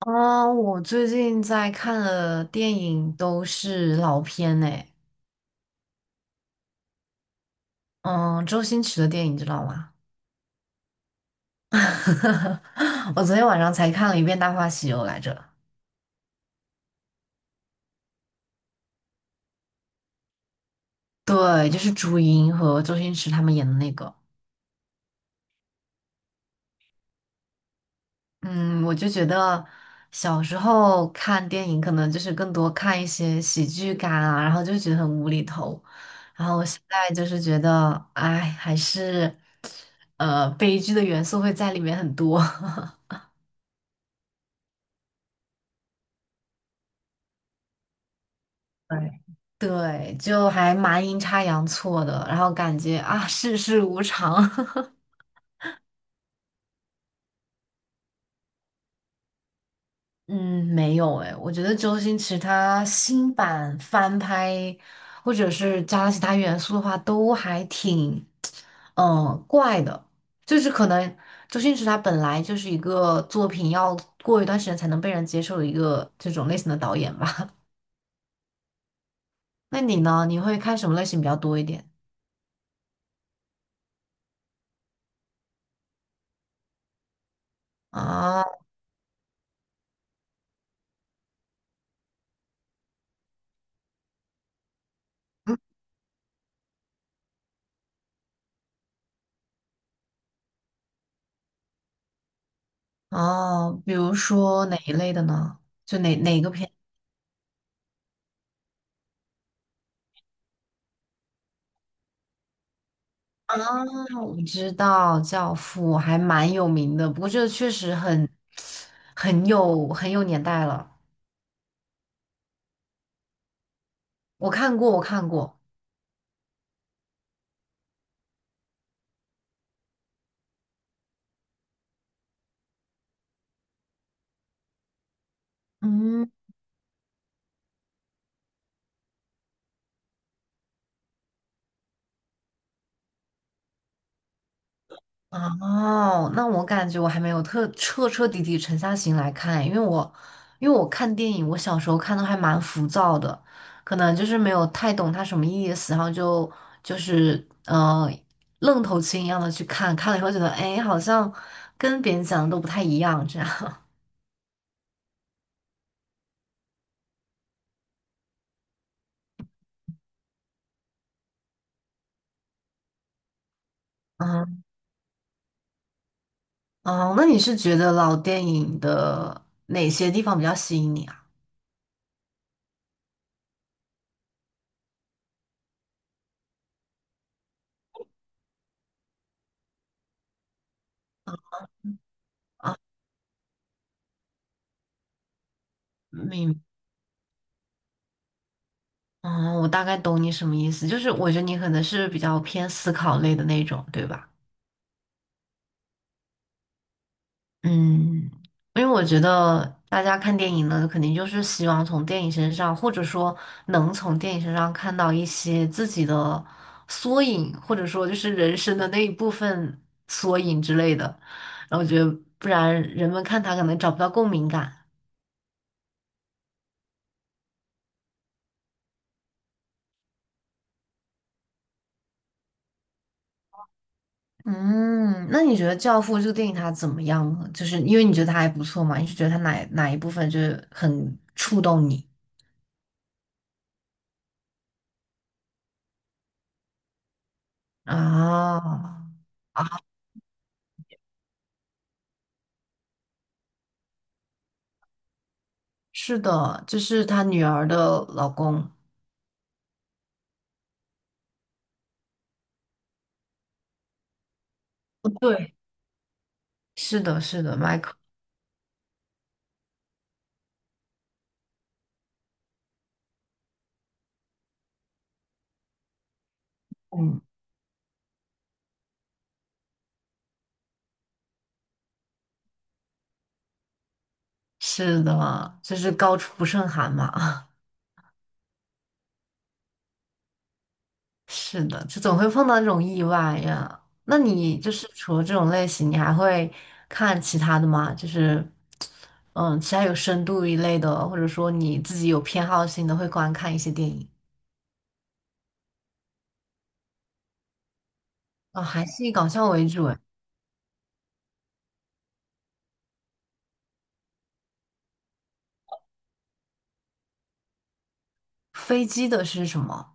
嗯，我最近在看的电影都是老片呢。嗯，周星驰的电影知道吗？我昨天晚上才看了一遍《大话西游》来着，对，就是朱茵和周星驰他们演的那个。嗯，我就觉得小时候看电影可能就是更多看一些喜剧感啊，然后就觉得很无厘头，然后现在就是觉得，哎，还是悲剧的元素会在里面很多。对，对，就还蛮阴差阳错的，然后感觉啊，世事无常。嗯，没有诶，我觉得周星驰他新版翻拍，或者是加了其他元素的话，都还挺，嗯，怪的。就是可能周星驰他本来就是一个作品要过一段时间才能被人接受的一个这种类型的导演吧。那你呢？你会看什么类型比较多一点啊？哦，比如说哪一类的呢？就哪个片啊 我知道《教父》还蛮有名的，不过这个确实很很有年代了。我看过。嗯。哦，那我感觉我还没有特彻彻底底沉下心来看，因为我看电影，我小时候看的还蛮浮躁的，可能就是没有太懂它什么意思，然后就是愣头青一样的去看，看了以后觉得哎，诶好像跟别人讲的都不太一样这样。嗯，哦，那你是觉得老电影的哪些地方比较吸引你啊？明，我大概懂你什么意思，就是我觉得你可能是比较偏思考类的那种，对吧？嗯，因为我觉得大家看电影呢，肯定就是希望从电影身上，或者说能从电影身上看到一些自己的缩影，或者说就是人生的那一部分缩影之类的。然后我觉得，不然人们看他可能找不到共鸣感。嗯，那你觉得《教父》这个电影它怎么样呢？就是因为你觉得它还不错嘛，你是觉得它哪一部分就是很触动你啊？是的，就是她女儿的老公。哦对，是的，是的，麦克，嗯，是的，就是高处不胜寒嘛，是的，就总会碰到这种意外呀。那你就是除了这种类型，你还会看其他的吗？就是，嗯，其他有深度一类的，或者说你自己有偏好性的，会观看一些电影。哦，还是以搞笑为主诶。飞机的是什么？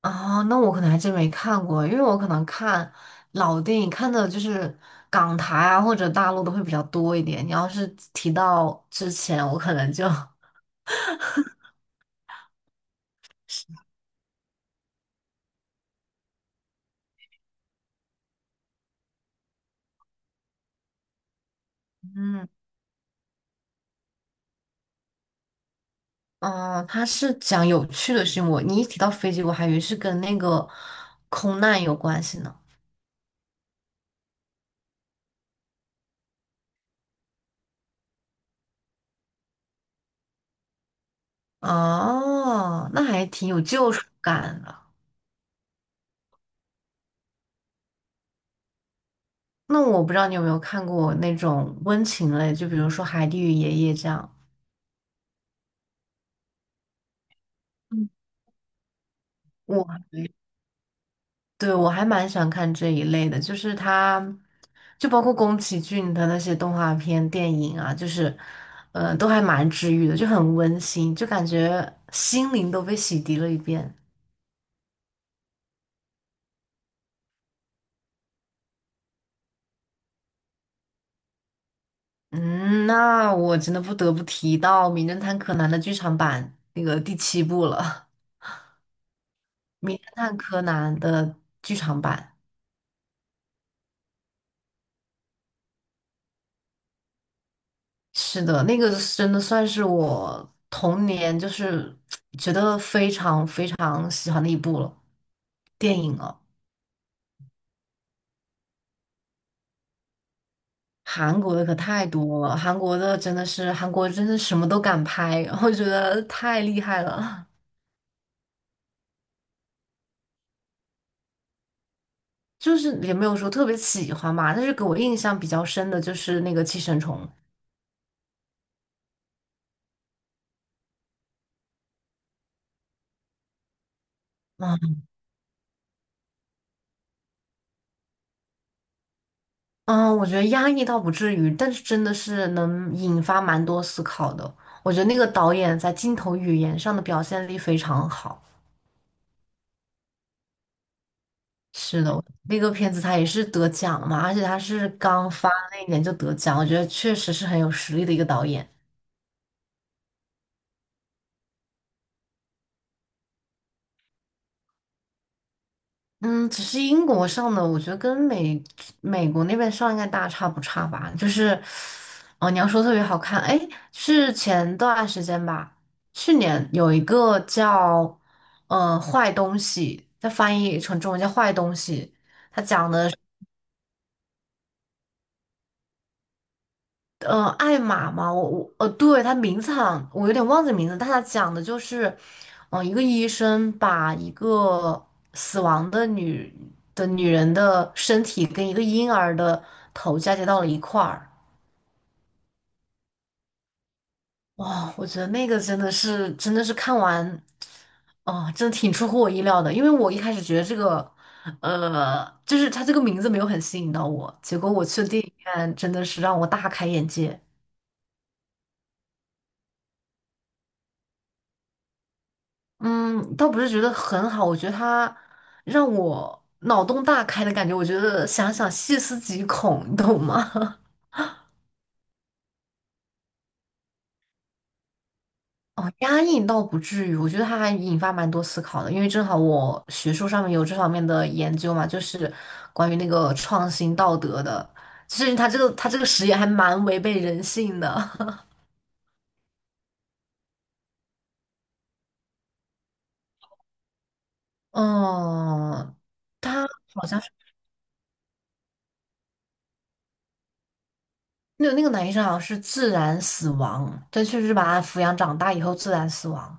啊，那我可能还真没看过，因为我可能看老电影看的就是港台啊或者大陆的会比较多一点。你要是提到之前，我可能就 嗯嗯，它是讲有趣的事情。我你一提到飞机，我还以为是跟那个空难有关系呢。哦，那还挺有救赎感的。那我不知道你有没有看过那种温情类，就比如说《海蒂与爷爷》这样。嗯我对，我还蛮喜欢看这一类的，就是它，就包括宫崎骏的那些动画片、电影啊，就是，都还蛮治愈的，就很温馨，就感觉心灵都被洗涤了一遍。嗯，那我真的不得不提到《名侦探柯南》的剧场版那个第七部了，《名侦探柯南》的剧场版。是的，那个是真的算是我童年就是觉得非常非常喜欢的一部了，电影了。韩国的可太多了，韩国的真的是韩国真的什么都敢拍，我觉得太厉害了。就是也没有说特别喜欢吧，但是给我印象比较深的就是那个《寄生虫》。嗯嗯，我觉得压抑倒不至于，但是真的是能引发蛮多思考的。我觉得那个导演在镜头语言上的表现力非常好。是的，那个片子他也是得奖嘛，而且他是刚发那一年就得奖，我觉得确实是很有实力的一个导演。嗯，只是英国上的，我觉得跟美国那边上应该大差不差吧。就是，哦，你要说特别好看，哎，是前段时间吧，去年有一个叫《坏东西》，它翻译成中文叫《坏东西》，它讲。艾玛嘛，我对，他名字好像我有点忘记名字，但他讲的就是，嗯、一个医生把一个死亡的女人的身体跟一个婴儿的头嫁接到了一块儿。哇，我觉得那个真的是看完，哦、真的挺出乎我意料的，因为我一开始觉得这个，呃，就是他这个名字没有很吸引到我，结果我去电影院真的是让我大开眼界。嗯，倒不是觉得很好，我觉得他让我脑洞大开的感觉，我觉得想想细思极恐，你懂吗？哦，压抑倒不至于，我觉得他还引发蛮多思考的，因为正好我学术上面有这方面的研究嘛，就是关于那个创新道德的，其实他这个实验还蛮违背人性的。嗯，他好像是那个男医生好像是自然死亡，对，确实是把他抚养长大以后自然死亡。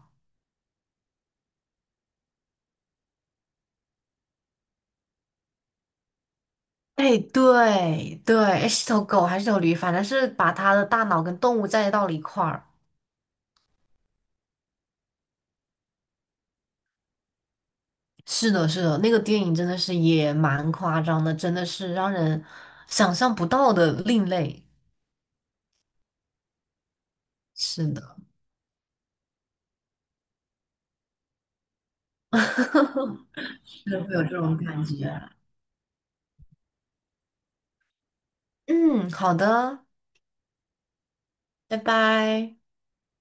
哎，对对，哎是头狗还是头驴，反正是把它的大脑跟动物在到了一块儿。是的，是的，那个电影真的是也蛮夸张的，真的是让人想象不到的另类。是的，是会有这种感觉。嗯，好的，拜拜。